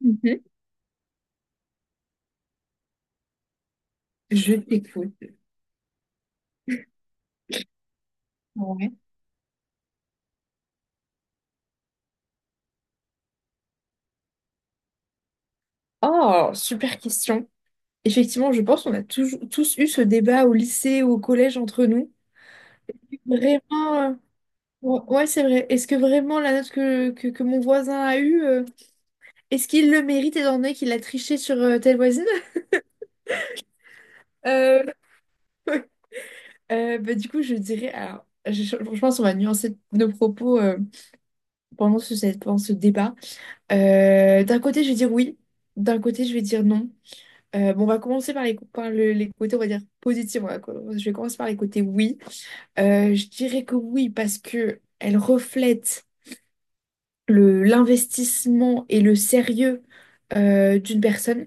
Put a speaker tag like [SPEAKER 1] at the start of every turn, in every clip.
[SPEAKER 1] Mhm. Je t'écoute. Ouais. Oh, super question. Effectivement, je pense qu'on a toujours, tous eu ce débat au lycée ou au collège entre nous. Vraiment, ouais, ouais, c'est vrai. Est-ce que vraiment la note que mon voisin a eue, est-ce qu'il le mérite étant donné qu'il a triché sur telle voisine? Euh, du coup, je dirais, alors, je pense qu'on va nuancer nos propos pendant pendant ce débat. D'un côté, je vais dire oui. D'un côté, je vais dire non. Bon, on va commencer par les côtés, on va dire, positifs. Je vais commencer par les côtés oui. Je dirais que oui, parce que elle reflète l'investissement et le sérieux d'une personne.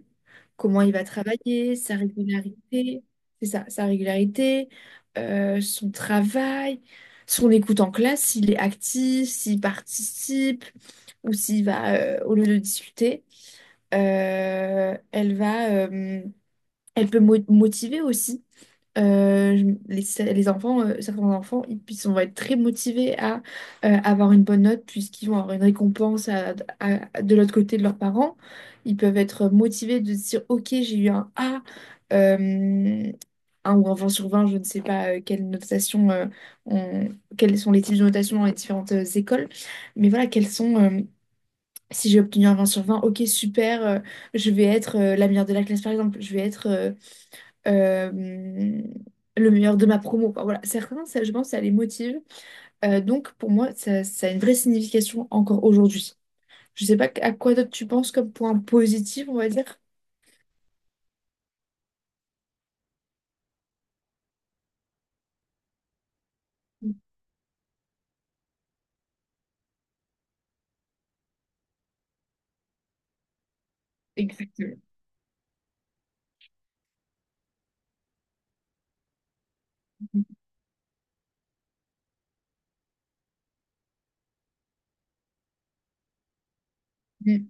[SPEAKER 1] Comment il va travailler, sa régularité, c'est ça, sa régularité, son travail, son écoute en classe, s'il est actif, s'il participe ou s'il va, au lieu de discuter. Euh, elle va... euh, elle peut motiver aussi. Les enfants, certains enfants, ils vont être très motivés à avoir une bonne note puisqu'ils vont avoir une récompense de l'autre côté de leurs parents. Ils peuvent être motivés de se dire, OK, j'ai eu un A, euh, un ou un 20/20. Je ne sais pas quelle notation, on- quels sont les types de notation dans les différentes écoles. Mais voilà, si j'ai obtenu un 20/20, OK, super, je vais être la meilleure de la classe, par exemple, euh, le meilleur de ma promo, quoi. Voilà, certains, ça, je pense, ça les motive. Donc, pour moi, ça a une vraie signification encore aujourd'hui. Je sais pas à quoi d'autre tu penses comme point positif, on va dire. Exactement. Mm,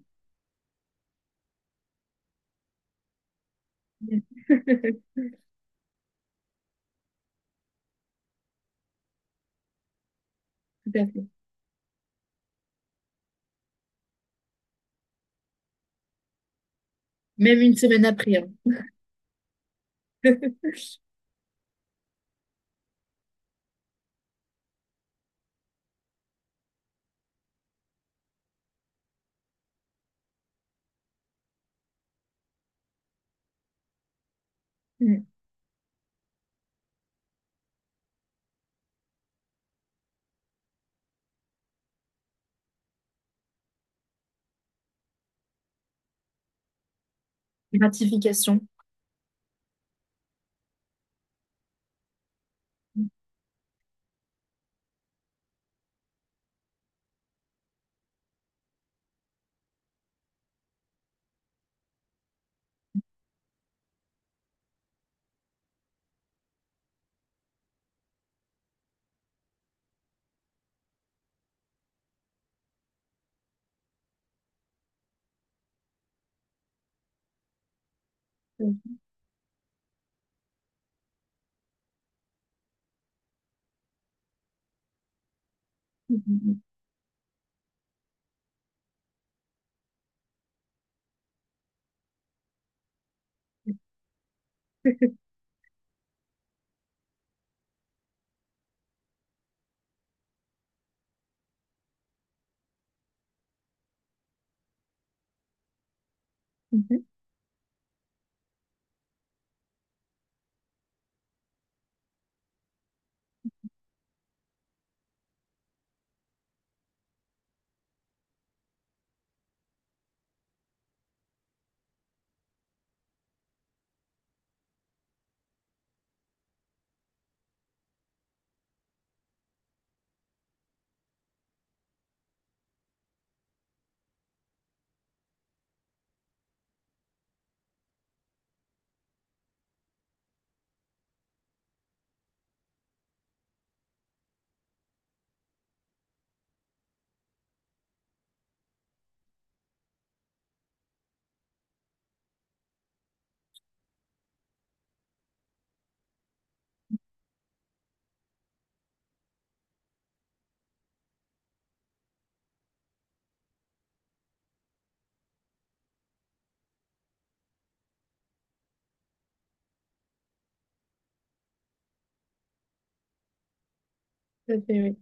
[SPEAKER 1] mm. Tout à fait. Même une semaine après, hein. Mm. Gratification. Mm. Mm, mm, mm. Mhm. Tout à fait, oui.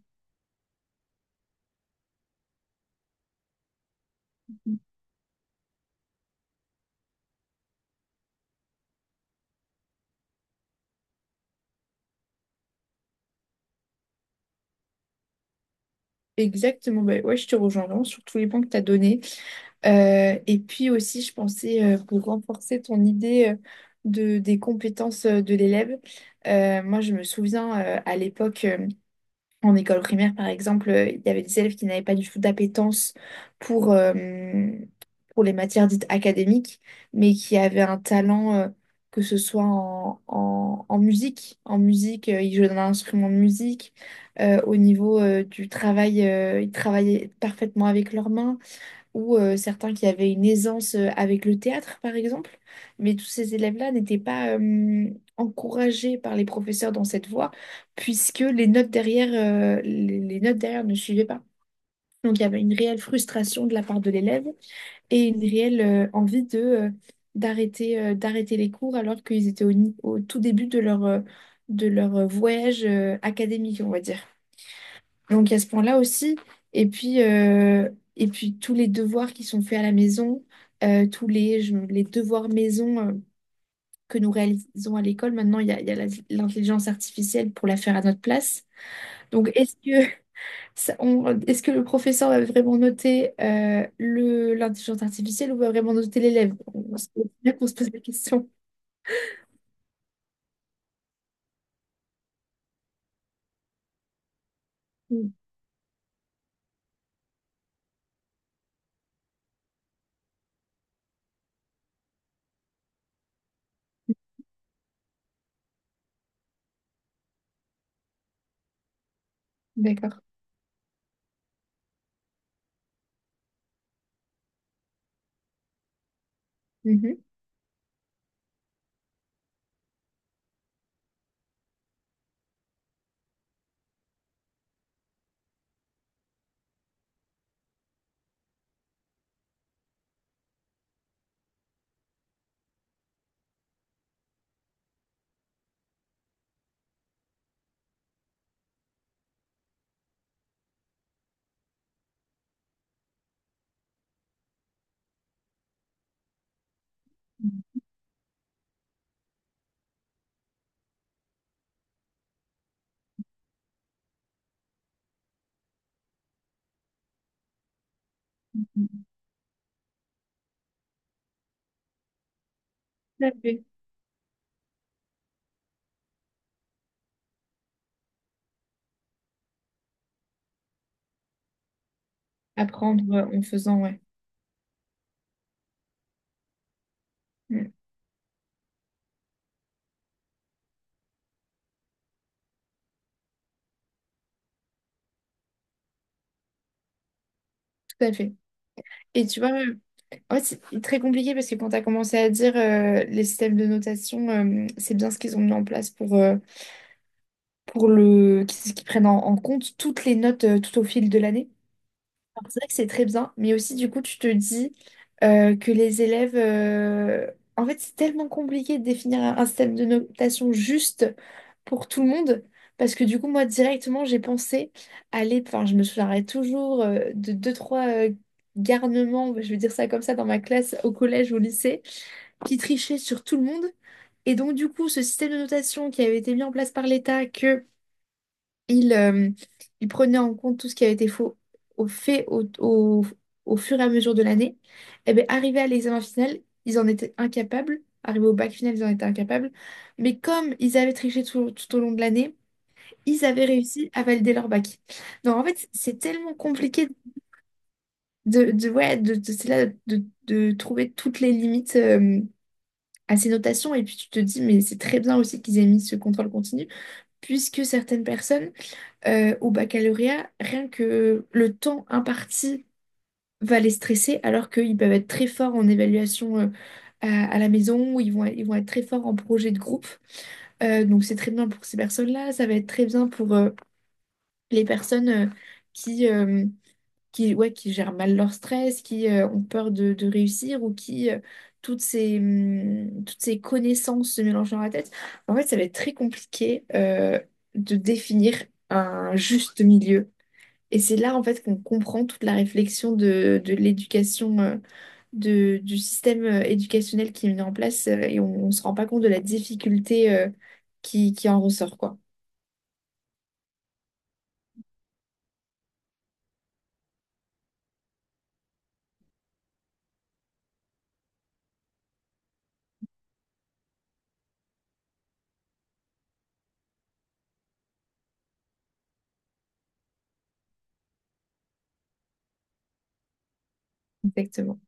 [SPEAKER 1] Exactement, bah ouais, je te rejoins vraiment sur tous les points que tu as donnés. Et puis aussi, je pensais, pour renforcer ton idée des compétences de l'élève, moi je me souviens à l'époque, en école primaire, par exemple, il y avait des élèves qui n'avaient pas du tout d'appétence pour, euh, pour les matières dites académiques, mais qui avaient un talent, que ce soit en musique. En musique, ils jouaient d'un instrument de musique. Au niveau, du travail, ils travaillaient parfaitement avec leurs mains ou certains qui avaient une aisance avec le théâtre, par exemple. Mais tous ces élèves-là n'étaient pas encouragés par les professeurs dans cette voie, puisque les notes derrière ne suivaient pas. Donc il y avait une réelle frustration de la part de l'élève et une réelle envie de, d'arrêter d'arrêter les cours alors qu'ils étaient au, ni- au tout début de leur voyage académique, on va dire. Donc, il y a ce point-là aussi. Et puis, euh, et puis, tous les devoirs qui sont faits à la maison, les devoirs maison que nous réalisons à l'école, maintenant, il y a l'intelligence artificielle pour la faire à notre place. Donc, est-ce que, est-ce que le professeur va vraiment noter l'intelligence artificielle ou va vraiment noter l'élève? C'est bien qu'on se pose la question. Mm, d'accord. Mhm. Tout à fait. Apprendre en faisant, ouais. Mm, tout à fait. Et tu vois, en fait, c'est très compliqué parce que quand tu as commencé à dire les systèmes de notation, c'est bien ce qu'ils ont mis en place pour le, qu'ils qu'ils prennent en compte toutes les notes tout au fil de l'année. Alors, c'est vrai que c'est très bien, mais aussi du coup tu te dis que les élèves... En fait c'est tellement compliqué de définir un système de notation juste pour tout le monde, parce que du coup moi directement j'ai pensé aller... Enfin je me souviendrai toujours de deux, trois garnements, je vais dire ça comme ça, dans ma classe au collège, au lycée, qui trichaient sur tout le monde. Et donc du coup ce système de notation qui avait été mis en place par l'État, que il, euh, il prenait en compte tout ce qui avait été faux, au fait au, au- au fur et à mesure de l'année, et bien arrivé à l'examen final, ils en étaient incapables. Arrivé au bac final, ils en étaient incapables. Mais comme ils avaient triché tout au long de l'année, ils avaient réussi à valider leur bac. Donc en fait, c'est tellement compliqué ouais, c'est là, de trouver toutes les limites à ces notations. Et puis tu te dis, mais c'est très bien aussi qu'ils aient mis ce contrôle continu, puisque certaines personnes au baccalauréat, rien que le temps imparti va les stresser, alors qu'ils peuvent être très forts en évaluation à la maison, ou ils vont être très forts en projet de groupe. Donc c'est très bien pour ces personnes-là, ça va être très bien pour les personnes qui, euh, ouais, qui gèrent mal leur stress, qui ont peur de réussir, ou qui... Toutes ces connaissances se mélangent dans la tête. En fait, ça va être très compliqué de définir un juste milieu et c'est là, en fait, qu'on comprend toute la réflexion de l'éducation, du système éducationnel qui est mis en place, et on ne se rend pas compte de la difficulté, qui en ressort, quoi. Exactement.